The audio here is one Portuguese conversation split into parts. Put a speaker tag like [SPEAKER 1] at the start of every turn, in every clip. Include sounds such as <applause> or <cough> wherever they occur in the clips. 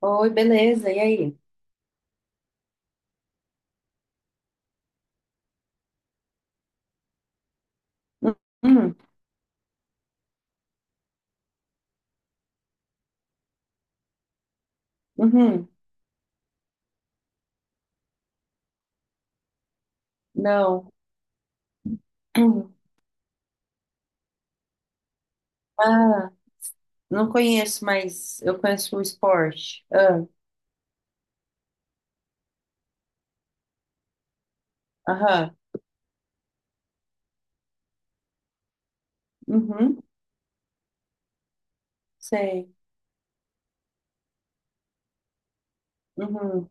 [SPEAKER 1] Oi, beleza, e aí? Uhum, uhum, não. <clears throat> Uhum. Ah, não conheço, mas eu conheço o esporte. Ah, aham, uhum, sei. Uhum,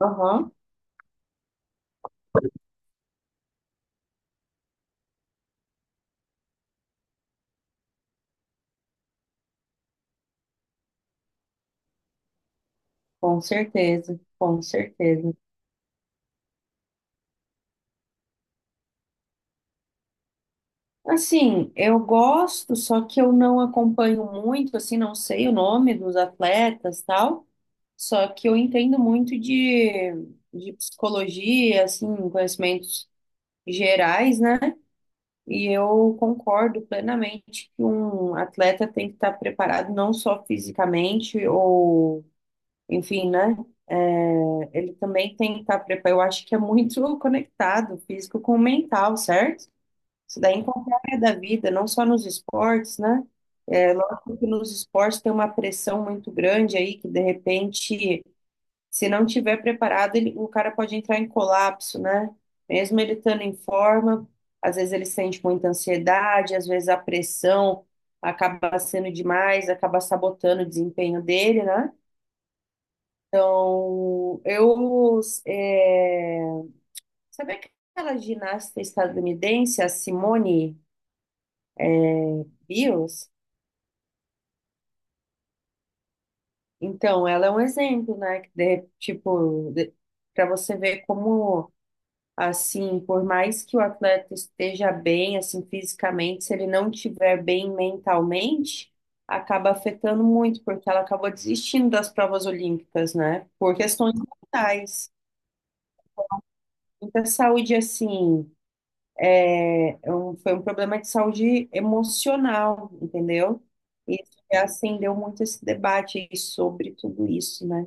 [SPEAKER 1] aham, com certeza, com certeza. Assim, eu gosto, só que eu não acompanho muito, assim, não sei o nome dos atletas, tal. Só que eu entendo muito de psicologia, assim, conhecimentos gerais, né? E eu concordo plenamente que um atleta tem que estar preparado não só fisicamente ou, enfim, né? Ele também tem que estar preparado. Eu acho que é muito <laughs> conectado, físico com o mental, certo? Isso daí em qualquer área da vida, não só nos esportes, né? É, lógico que nos esportes tem uma pressão muito grande aí, que de repente se não tiver preparado, o cara pode entrar em colapso, né? Mesmo ele estando em forma, às vezes ele sente muita ansiedade, às vezes a pressão acaba sendo demais, acaba sabotando o desempenho dele, né? Então, eu. É... Sabe aquela ginasta estadunidense, a Simone Biles? Então, ela é um exemplo, né? Para você ver como. Assim, por mais que o atleta esteja bem, assim, fisicamente, se ele não estiver bem mentalmente, acaba afetando muito, porque ela acabou desistindo das provas olímpicas, né? Por questões mentais. Muita saúde, assim, foi um problema de saúde emocional, entendeu? E isso que acendeu muito esse debate aí sobre tudo isso, né?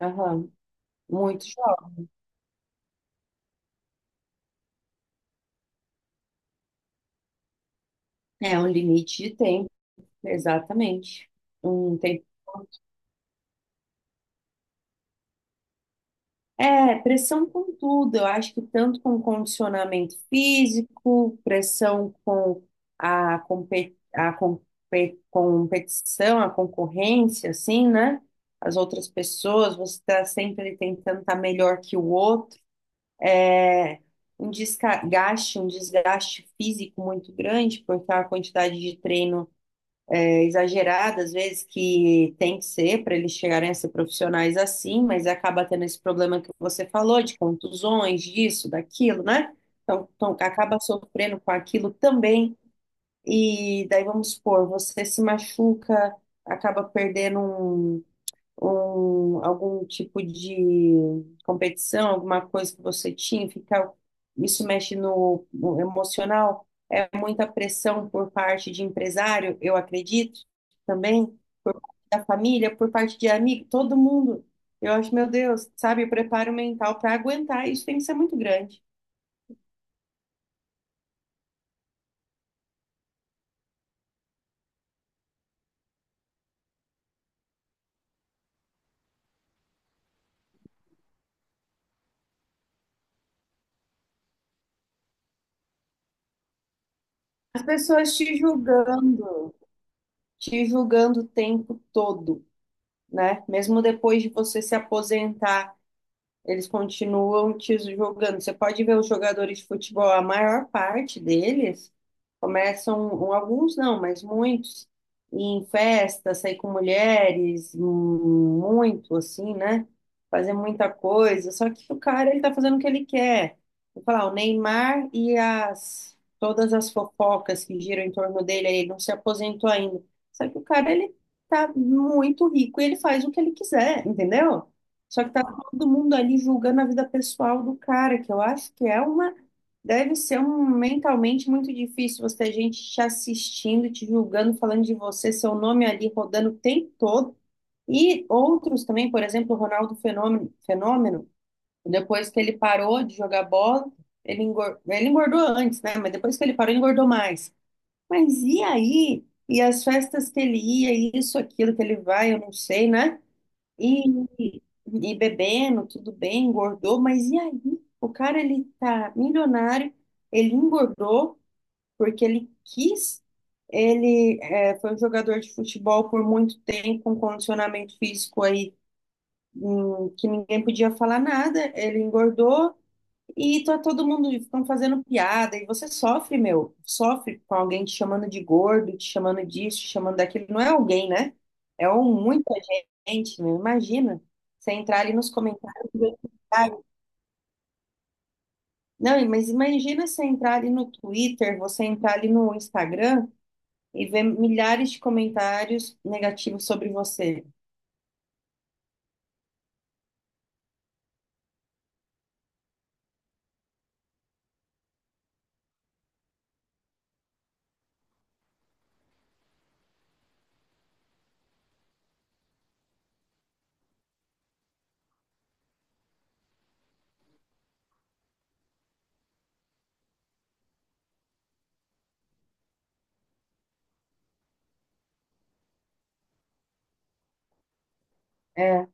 [SPEAKER 1] Aham, muito jovem. É um limite de tempo, exatamente. Um tempo. É, pressão com tudo. Eu acho que tanto com condicionamento físico, pressão com a, competição, a concorrência, assim, né? As outras pessoas, você está sempre tentando estar melhor que o outro. É. Um desgaste físico muito grande, porque a quantidade de treino exagerada, às vezes, que tem que ser para eles chegarem a ser profissionais assim, mas acaba tendo esse problema que você falou, de contusões, disso, daquilo, né? Então acaba sofrendo com aquilo também. E daí, vamos supor, você se machuca, acaba perdendo algum tipo de competição, alguma coisa que você tinha, ficar, isso mexe no emocional, é muita pressão por parte de empresário, eu acredito, também, por parte da família, por parte de amigo, todo mundo. Eu acho, meu Deus, sabe, o preparo mental para aguentar isso tem que ser muito grande. As pessoas te julgando o tempo todo, né? Mesmo depois de você se aposentar, eles continuam te jogando. Você pode ver os jogadores de futebol, a maior parte deles começam, um, alguns não, mas muitos, em festa, sair com mulheres, muito assim, né? Fazer muita coisa. Só que o cara, ele tá fazendo o que ele quer. Vou falar, o Neymar e as todas as fofocas que giram em torno dele, aí, ele não se aposentou ainda. Só que o cara, ele tá muito rico e ele faz o que ele quiser, entendeu? Só que tá todo mundo ali julgando a vida pessoal do cara, que eu acho que é uma. Deve ser um mentalmente muito difícil você ter gente te assistindo, te julgando, falando de você, seu nome ali rodando o tempo todo. E outros também, por exemplo, o Ronaldo Fenômeno, depois que ele parou de jogar bola, ele engordou antes, né? Mas depois que ele parou, ele engordou mais. Mas e aí? E as festas que ele ia, e isso, aquilo que ele vai, eu não sei, né? E, e bebendo, tudo bem, engordou, mas e aí? O cara, ele tá milionário, ele engordou porque ele quis, ele é, foi um jogador de futebol por muito tempo, com condicionamento físico aí, que ninguém podia falar nada, ele engordou, e tá todo mundo ficam fazendo piada, e você sofre, meu, sofre com alguém te chamando de gordo, te chamando disso, te chamando daquilo. Não é alguém, né? É um, muita gente, meu. Imagina você entrar ali nos comentários. Não, mas imagina você entrar ali no Twitter, você entrar ali no Instagram e ver milhares de comentários negativos sobre você. É.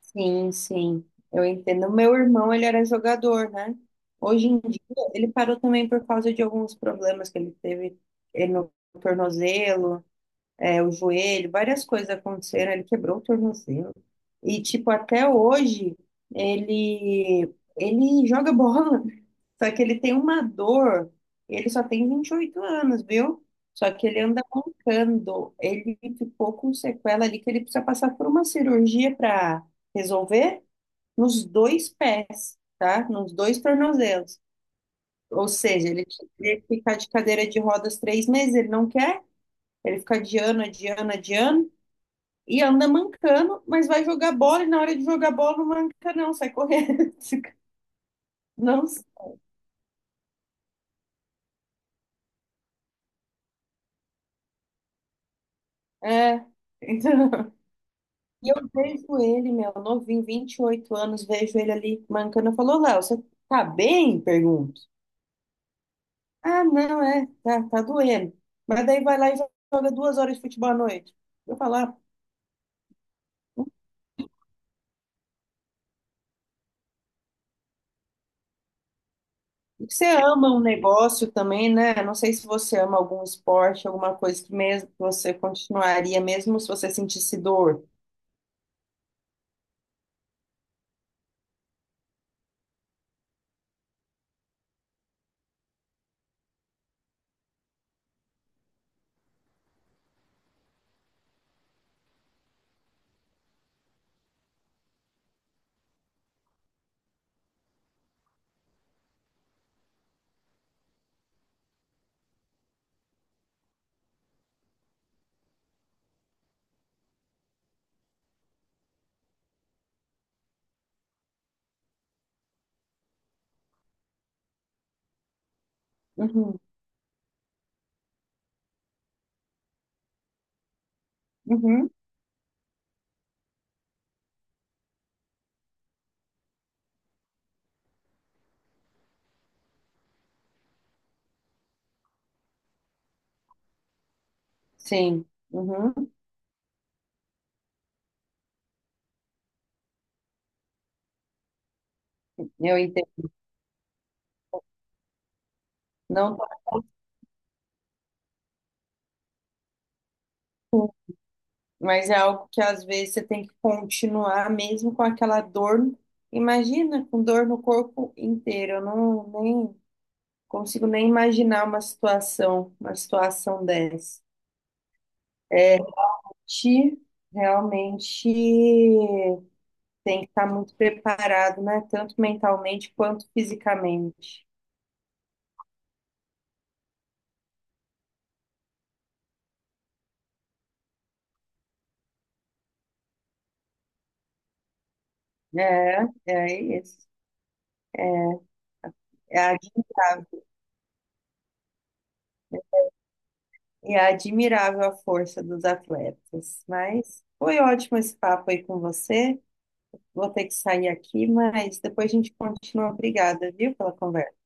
[SPEAKER 1] Sim, eu entendo. O meu irmão, ele era jogador, né? Hoje em dia, ele parou também por causa de alguns problemas que ele teve, no tornozelo, é, o joelho, várias coisas aconteceram, ele quebrou o tornozelo. E, tipo, até hoje, ele joga bola, <laughs> só que ele tem uma dor, ele só tem 28 anos, viu? Só que ele anda mancando, ele ficou com sequela ali que ele precisa passar por uma cirurgia para resolver nos dois pés, tá? Nos dois tornozelos. Ou seja, ele teria que ficar de cadeira de rodas 3 meses, ele não quer, ele fica adiando e anda mancando, mas vai jogar bola e na hora de jogar bola não manca, não, sai correndo. <laughs> Não, é. Então, e eu vejo ele, meu, novinho, 28 anos, vejo ele ali mancando. Eu falo, "Ô, Léo, você tá bem?" Pergunto. Ah, não, é, tá, tá doendo. Mas daí vai lá e joga 2 horas de futebol à noite. Eu falo, "Ah, você ama um negócio também, né? Não sei se você ama algum esporte, alguma coisa que mesmo que você continuaria, mesmo se você sentisse dor." Uhum, uhum. Sim, uhum, eu entendo. Não tá ruim, mas é algo que às vezes você tem que continuar mesmo com aquela dor. Imagina, com dor no corpo inteiro. Eu nem consigo nem imaginar uma situação dessa. Te realmente tem que estar muito preparado, né? Tanto mentalmente quanto fisicamente. É, é isso. É admirável. E é admirável a força dos atletas. Mas foi ótimo esse papo aí com você. Vou ter que sair aqui, mas depois a gente continua. Obrigada, viu, pela conversa.